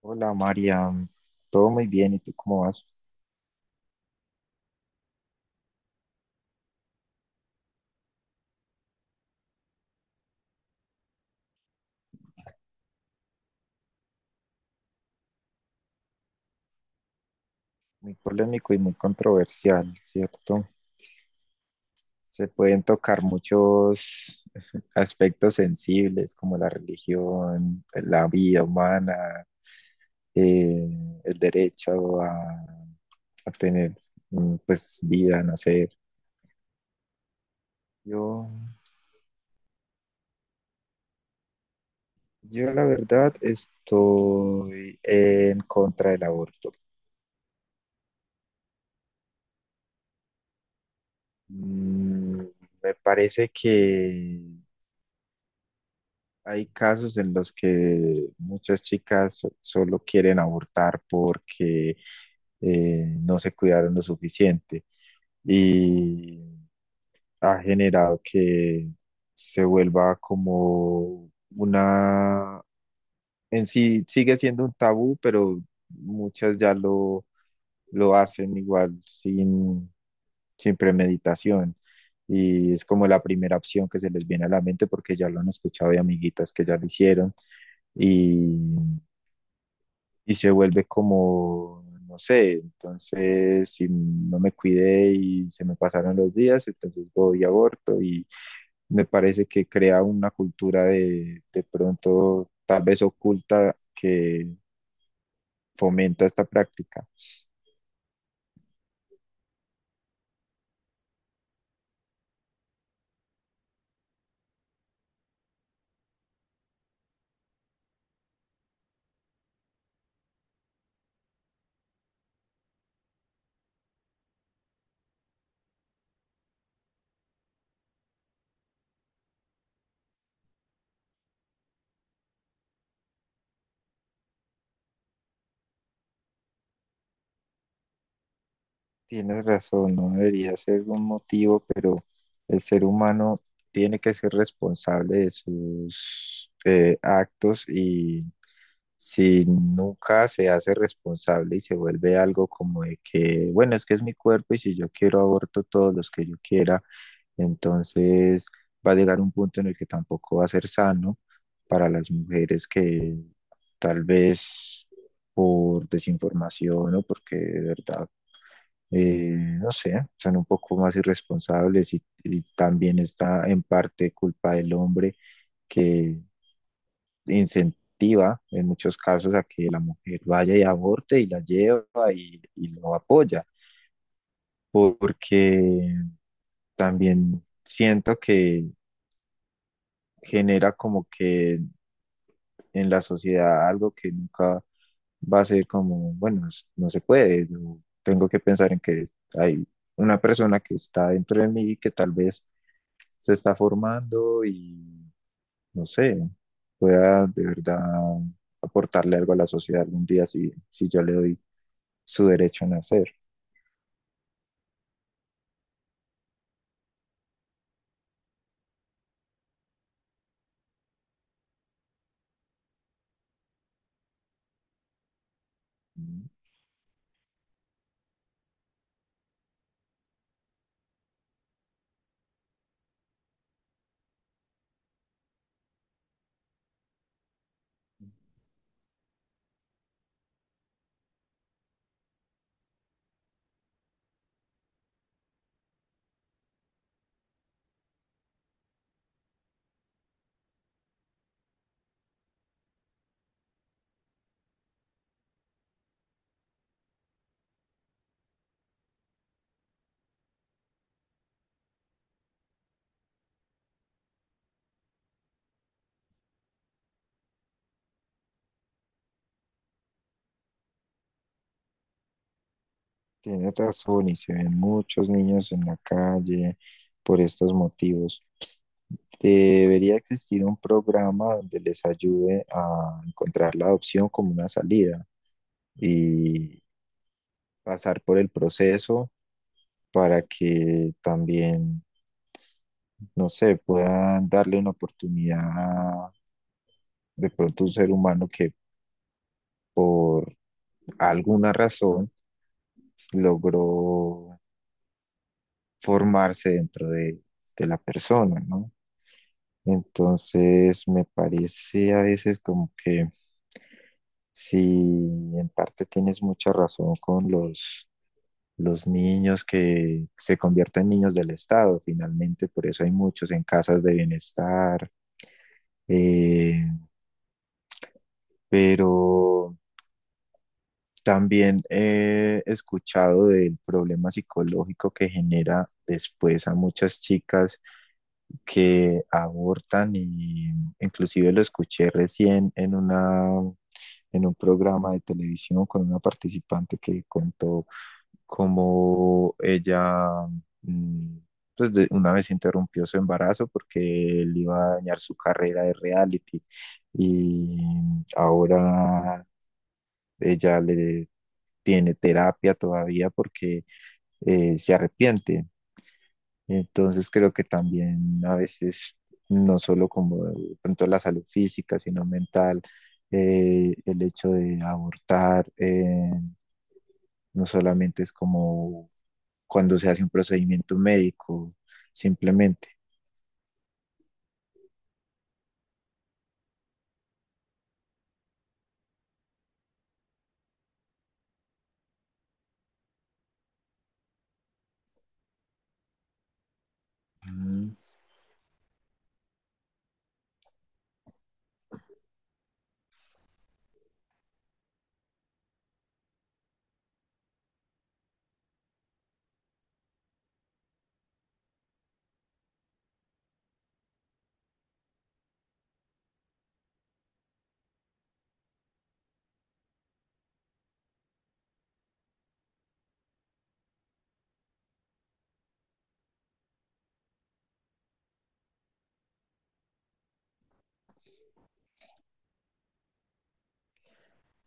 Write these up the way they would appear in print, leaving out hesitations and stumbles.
Hola María, todo muy bien, ¿y tú cómo vas? Muy polémico y muy controversial, ¿cierto? Se pueden tocar muchos aspectos sensibles como la religión, la vida humana, eh, el derecho a tener pues vida, nacer. Yo, yo la verdad estoy en contra del aborto. Mm, me parece que hay casos en los que muchas chicas solo quieren abortar porque no se cuidaron lo suficiente y ha generado que se vuelva como una, en sí sigue siendo un tabú, pero muchas lo hacen igual sin premeditación. Y es como la primera opción que se les viene a la mente porque ya lo han escuchado de amiguitas que ya lo hicieron y, y se vuelve como, no sé, entonces si no me cuidé y se me pasaron los días, entonces voy y aborto y me parece que crea una cultura de pronto tal vez oculta que fomenta esta práctica. Tienes razón, no debería ser un motivo, pero el ser humano tiene que ser responsable de sus actos y si nunca se hace responsable y se vuelve algo como de que, bueno, es que es mi cuerpo y si yo quiero aborto todos los que yo quiera, entonces va a llegar un punto en el que tampoco va a ser sano para las mujeres que tal vez por desinformación o porque de verdad, eh, no sé, son un poco más irresponsables y también está en parte culpa del hombre que incentiva en muchos casos a que la mujer vaya y aborte y la lleva y lo apoya, porque también siento que genera como que en la sociedad algo que nunca va a ser como, bueno, no se puede, yo tengo que pensar en que hay una persona que está dentro de mí que tal vez se está formando y no sé, pueda de verdad aportarle algo a la sociedad algún día si yo le doy su derecho a nacer. Mm, Tiene razón y se ven muchos niños en la calle por estos motivos. Debería existir un programa donde les ayude a encontrar la adopción como una salida y pasar por el proceso para que también, no sé, puedan darle una oportunidad a de pronto un ser humano que alguna razón logró formarse dentro de la persona, ¿no? Entonces me parece a veces como que si en parte tienes mucha razón con los niños que se convierten en niños del Estado, finalmente, por eso hay muchos en casas de bienestar, eh, pero también he escuchado del problema psicológico que genera después a muchas chicas que abortan y inclusive lo escuché recién en una en un programa de televisión con una participante que contó cómo ella mm, pues una vez interrumpió su embarazo porque él iba a dañar su carrera de reality y ahora ella le tiene terapia todavía porque se arrepiente. Entonces creo que también a veces, no solo como de pronto la salud física, sino mental, el hecho de abortar, no solamente es como cuando se hace un procedimiento médico, simplemente. Mm,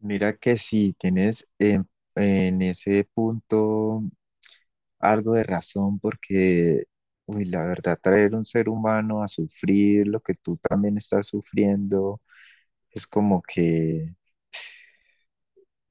Mira que si tienes en ese punto algo de razón porque, uy, la verdad, traer un ser humano a sufrir lo que tú también estás sufriendo es como que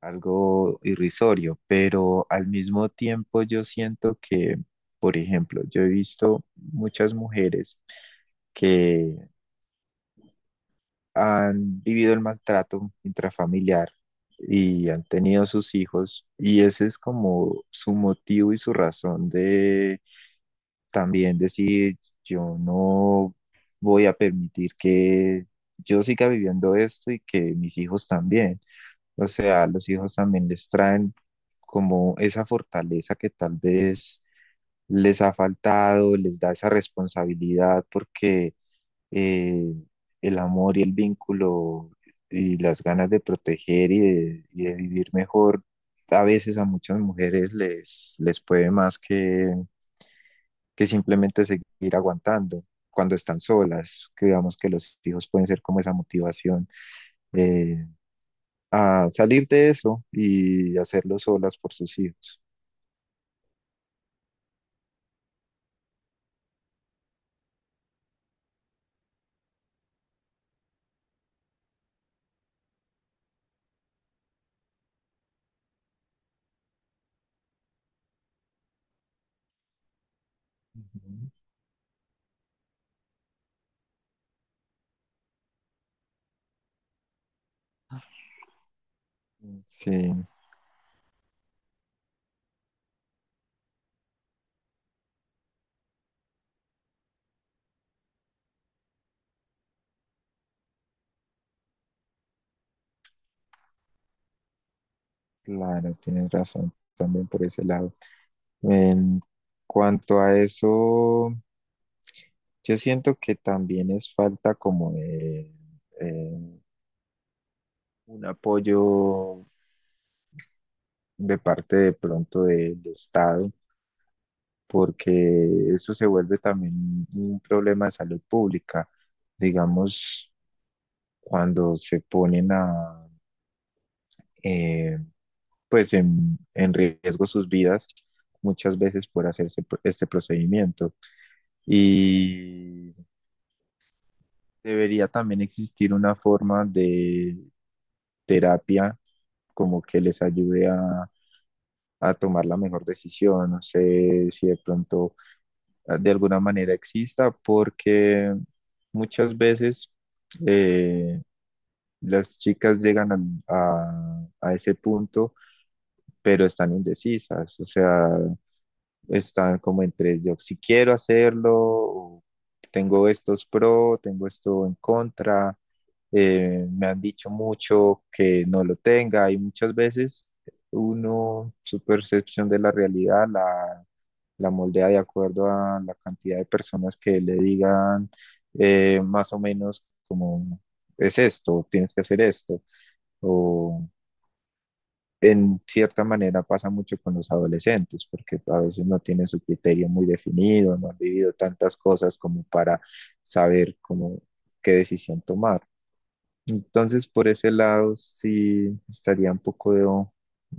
algo irrisorio, pero al mismo tiempo yo siento que, por ejemplo, yo he visto muchas mujeres que han vivido el maltrato intrafamiliar y han tenido sus hijos y ese es como su motivo y su razón de también decir, yo no voy a permitir que yo siga viviendo esto y que mis hijos también. O sea, los hijos también les traen como esa fortaleza que tal vez les ha faltado, les da esa responsabilidad porque eh, el amor y el vínculo y las ganas de proteger y y de vivir mejor, a veces a muchas mujeres les puede más que simplemente seguir aguantando cuando están solas, que digamos que los hijos pueden ser como esa motivación eh, a salir de eso y hacerlo solas por sus hijos. Ujú. Sí, claro, tienes razón también por ese lado. En cuanto a eso, yo siento que también es falta como eh, un apoyo de parte de pronto del Estado porque esto se vuelve también un problema de salud pública. Digamos, cuando se ponen a, eh, pues en riesgo sus vidas muchas veces por hacerse este procedimiento. Y debería también existir una forma de terapia como que les ayude a tomar la mejor decisión. No sé si de pronto de alguna manera exista, porque muchas veces eh, las chicas llegan a, a ese punto, pero están indecisas, o sea, están como entre yo si quiero hacerlo, o tengo estos pro, tengo esto en contra, me han dicho mucho que no lo tenga y muchas veces uno, su percepción de la realidad la moldea de acuerdo a la cantidad de personas que le digan más o menos como es esto, tienes que hacer esto, o en cierta manera pasa mucho con los adolescentes, porque a veces no tienen su criterio muy definido, no han vivido tantas cosas como para saber cómo, qué decisión tomar. Entonces, por ese lado, sí estaría un poco de,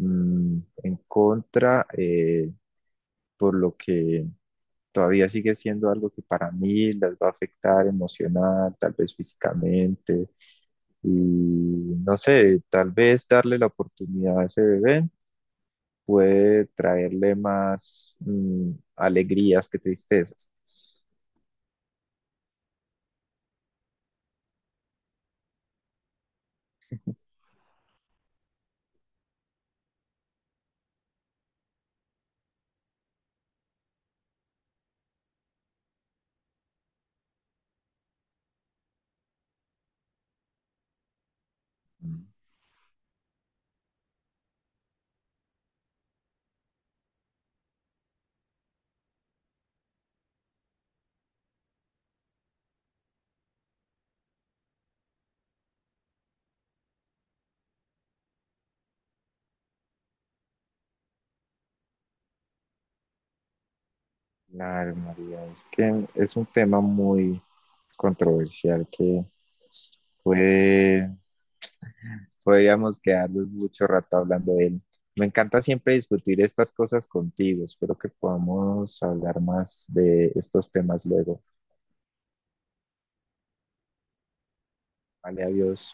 en contra, por lo que todavía sigue siendo algo que para mí las va a afectar emocional, tal vez físicamente, y no sé, tal vez darle la oportunidad a ese bebé puede traerle más alegrías que tristezas. Mm. Claro, María, es que es un tema muy controversial que puede podríamos quedarnos mucho rato hablando de él. Me encanta siempre discutir estas cosas contigo. Espero que podamos hablar más de estos temas luego. Vale, adiós.